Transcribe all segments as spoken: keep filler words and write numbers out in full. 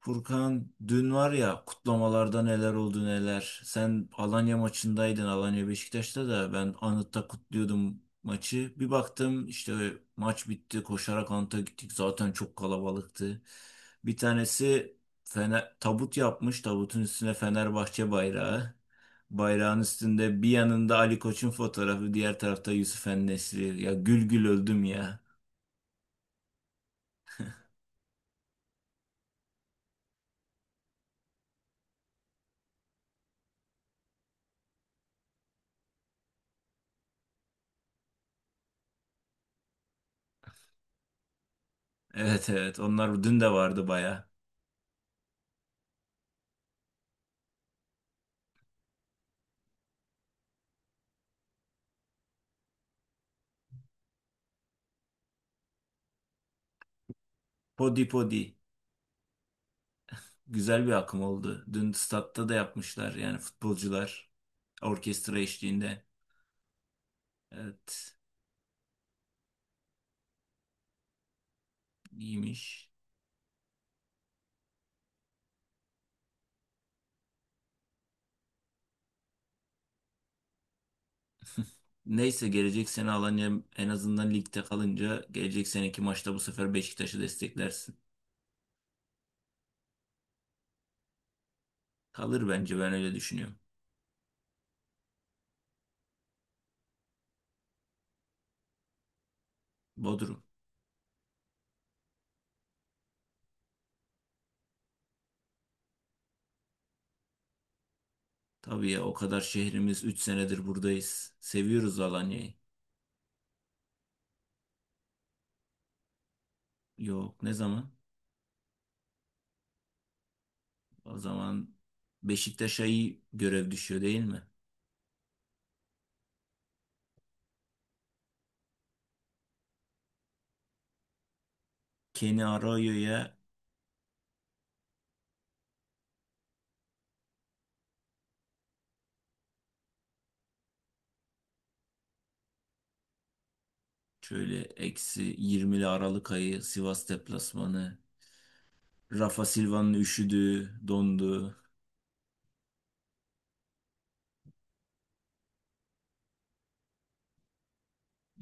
Furkan dün var ya kutlamalarda neler oldu neler. Sen Alanya maçındaydın, Alanya Beşiktaş'ta da ben Anıt'ta kutluyordum maçı. Bir baktım işte maç bitti, koşarak Anıt'a gittik, zaten çok kalabalıktı. Bir tanesi fener, tabut yapmış, tabutun üstüne Fenerbahçe bayrağı. Bayrağın üstünde bir yanında Ali Koç'un fotoğrafı, diğer tarafta Yusuf en... Ya, gül gül öldüm ya. Evet evet, onlar dün de vardı baya. Podi podi. güzel bir akım oldu. Dün statta da yapmışlar, yani futbolcular orkestra eşliğinde. Evet, iyiymiş. Neyse, gelecek sene Alanya en azından ligde kalınca gelecek seneki maçta bu sefer Beşiktaş'ı desteklersin. Kalır bence, ben öyle düşünüyorum. Bodrum. Tabii ya, o kadar şehrimiz, üç senedir buradayız. Seviyoruz Alanya'yı. Yok, ne zaman? O zaman Beşiktaş'a iyi görev düşüyor değil mi? Kenny Arroyo'ya... Şöyle eksi yirmili Aralık ayı Sivas deplasmanı. Rafa Silva'nın üşüdü, dondu.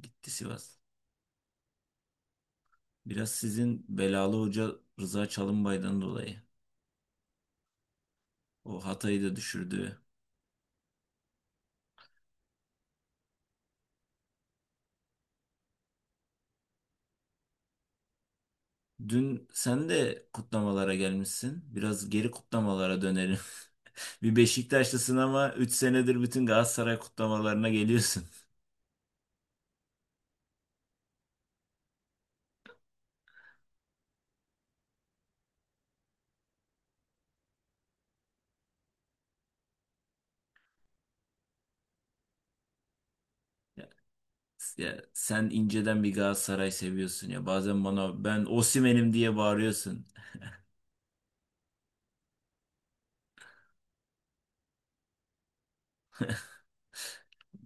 Gitti Sivas. Biraz sizin belalı hoca Rıza Çalınbay'dan dolayı. O Hatay'ı da düşürdü. Dün sen de kutlamalara gelmişsin. Biraz geri kutlamalara dönelim. Bir Beşiktaşlısın ama üç senedir bütün Galatasaray kutlamalarına geliyorsun. Ya, ya sen inceden bir Galatasaray seviyorsun ya. Bazen bana ben Osimhen'im diye bağırıyorsun.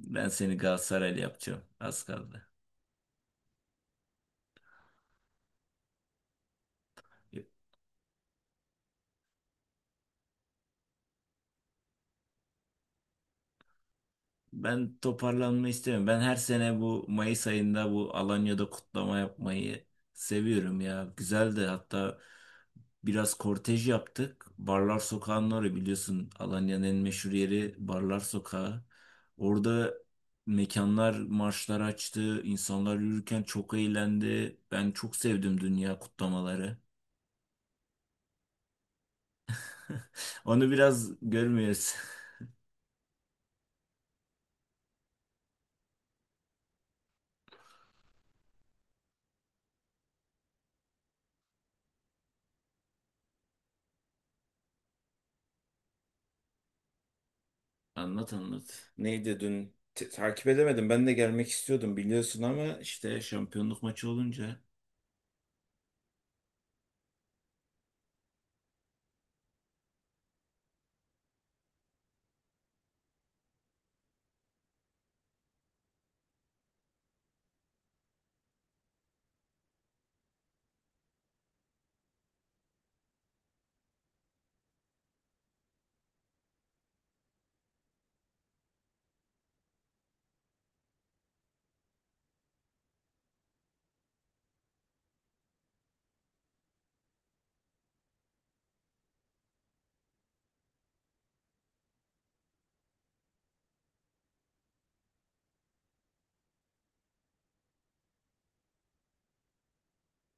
Ben seni Galatasaraylı yapacağım. Az kaldı. Ben toparlanma istemiyorum. Ben her sene bu Mayıs ayında bu Alanya'da kutlama yapmayı seviyorum ya. Güzeldi, hatta biraz kortej yaptık. Barlar Sokağı'nın orayı biliyorsun, Alanya'nın en meşhur yeri Barlar Sokağı. Orada mekanlar marşlar açtı. İnsanlar yürürken çok eğlendi. Ben çok sevdim dünya kutlamaları. Onu biraz görmüyoruz. Anlat anlat. Neydi dün? Te- takip edemedim. Ben de gelmek istiyordum biliyorsun, ama işte şampiyonluk maçı olunca...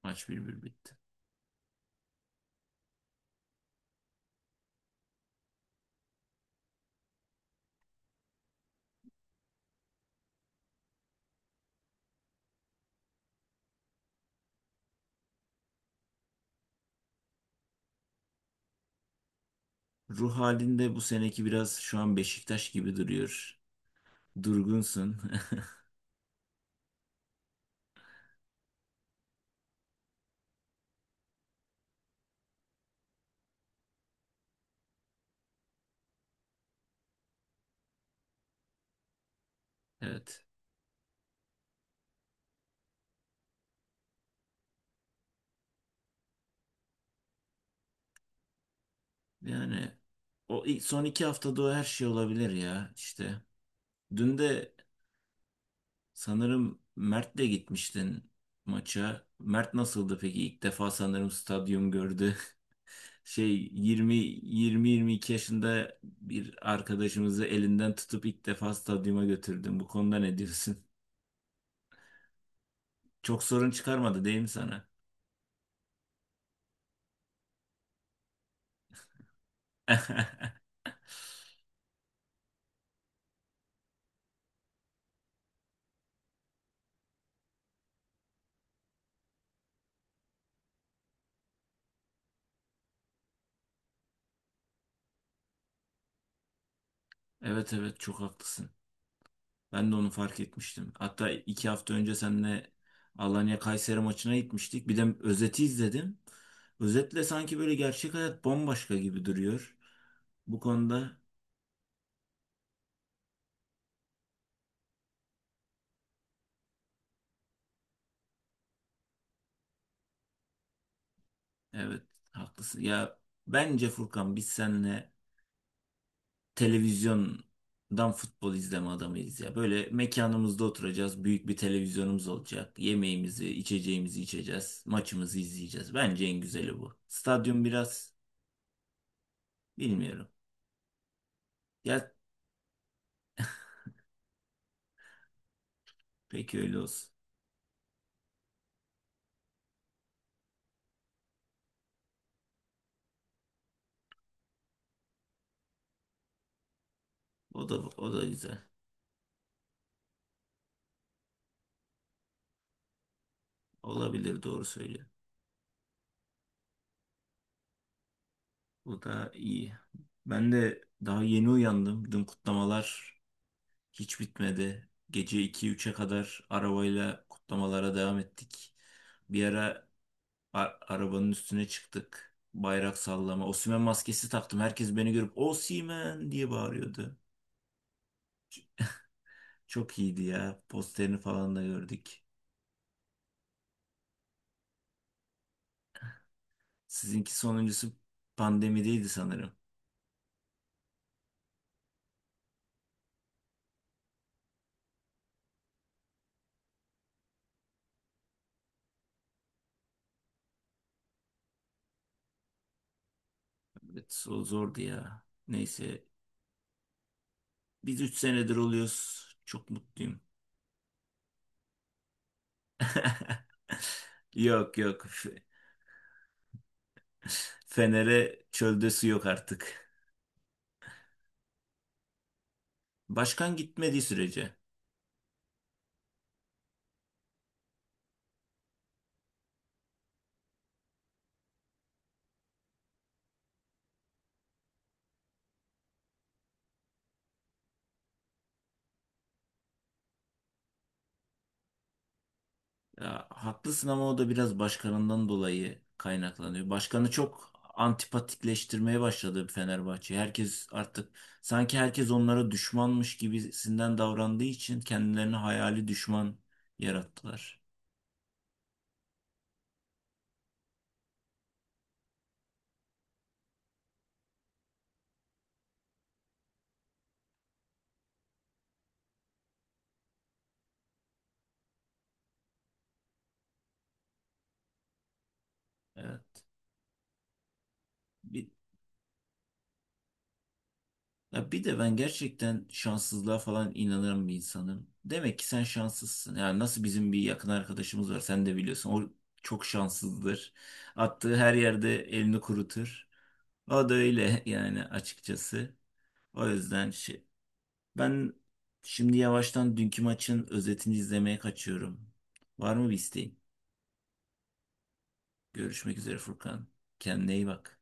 Maç bir bir bitti. Ruh halinde bu seneki biraz şu an Beşiktaş gibi duruyor. Durgunsun. Evet. Yani o ilk- son iki haftada o her şey olabilir ya işte. Dün de sanırım Mert'le gitmiştin maça. Mert nasıldı peki? İlk defa sanırım stadyum gördü. şey yirmi yirmi yirmi iki yaşında bir arkadaşımızı elinden tutup ilk defa stadyuma götürdüm. Bu konuda ne diyorsun? Çok sorun çıkarmadı değil mi sana? Evet evet, çok haklısın. Ben de onu fark etmiştim. Hatta iki hafta önce seninle Alanya Kayseri maçına gitmiştik. Bir de özeti izledim. Özetle sanki böyle gerçek hayat bambaşka gibi duruyor. Bu konuda evet, haklısın. Ya bence Furkan, biz seninle televizyondan futbol izleme adamıyız ya. Böyle mekanımızda oturacağız. Büyük bir televizyonumuz olacak. Yemeğimizi, içeceğimizi içeceğiz. Maçımızı izleyeceğiz. Bence en güzeli bu. Stadyum biraz bilmiyorum. Ya peki, öyle olsun. O da o da güzel. Olabilir, doğru söylüyor. Bu da iyi. Ben de daha yeni uyandım. Dün kutlamalar hiç bitmedi. Gece iki üçe kadar arabayla kutlamalara devam ettik. Bir ara Ar- arabanın üstüne çıktık. Bayrak sallama. Osimhen maskesi taktım. Herkes beni görüp Osimhen diye bağırıyordu. Çok iyiydi ya. Posterini falan da gördük. Sizinki sonuncusu pandemideydi sanırım. Evet, o zordu ya. Neyse. Biz üç senedir oluyoruz. Çok mutluyum. Yok yok. F- Fener'e çölde su yok artık. Başkan gitmediği sürece. Ya haklısın, ama o da biraz başkanından dolayı kaynaklanıyor. Başkanı çok antipatikleştirmeye başladı Fenerbahçe. Herkes artık sanki herkes onlara düşmanmış gibisinden davrandığı için kendilerine hayali düşman yarattılar. Evet. Bir, ya bir de ben gerçekten şanssızlığa falan inanan bir insanım. Demek ki sen şanssızsın. Yani nasıl, bizim bir yakın arkadaşımız var sen de biliyorsun. O çok şanssızdır. Attığı her yerde elini kurutur. O da öyle yani, açıkçası. O yüzden şey, ben şimdi yavaştan dünkü maçın özetini izlemeye kaçıyorum. Var mı bir isteğin? Görüşmek üzere Furkan. Kendine iyi bak.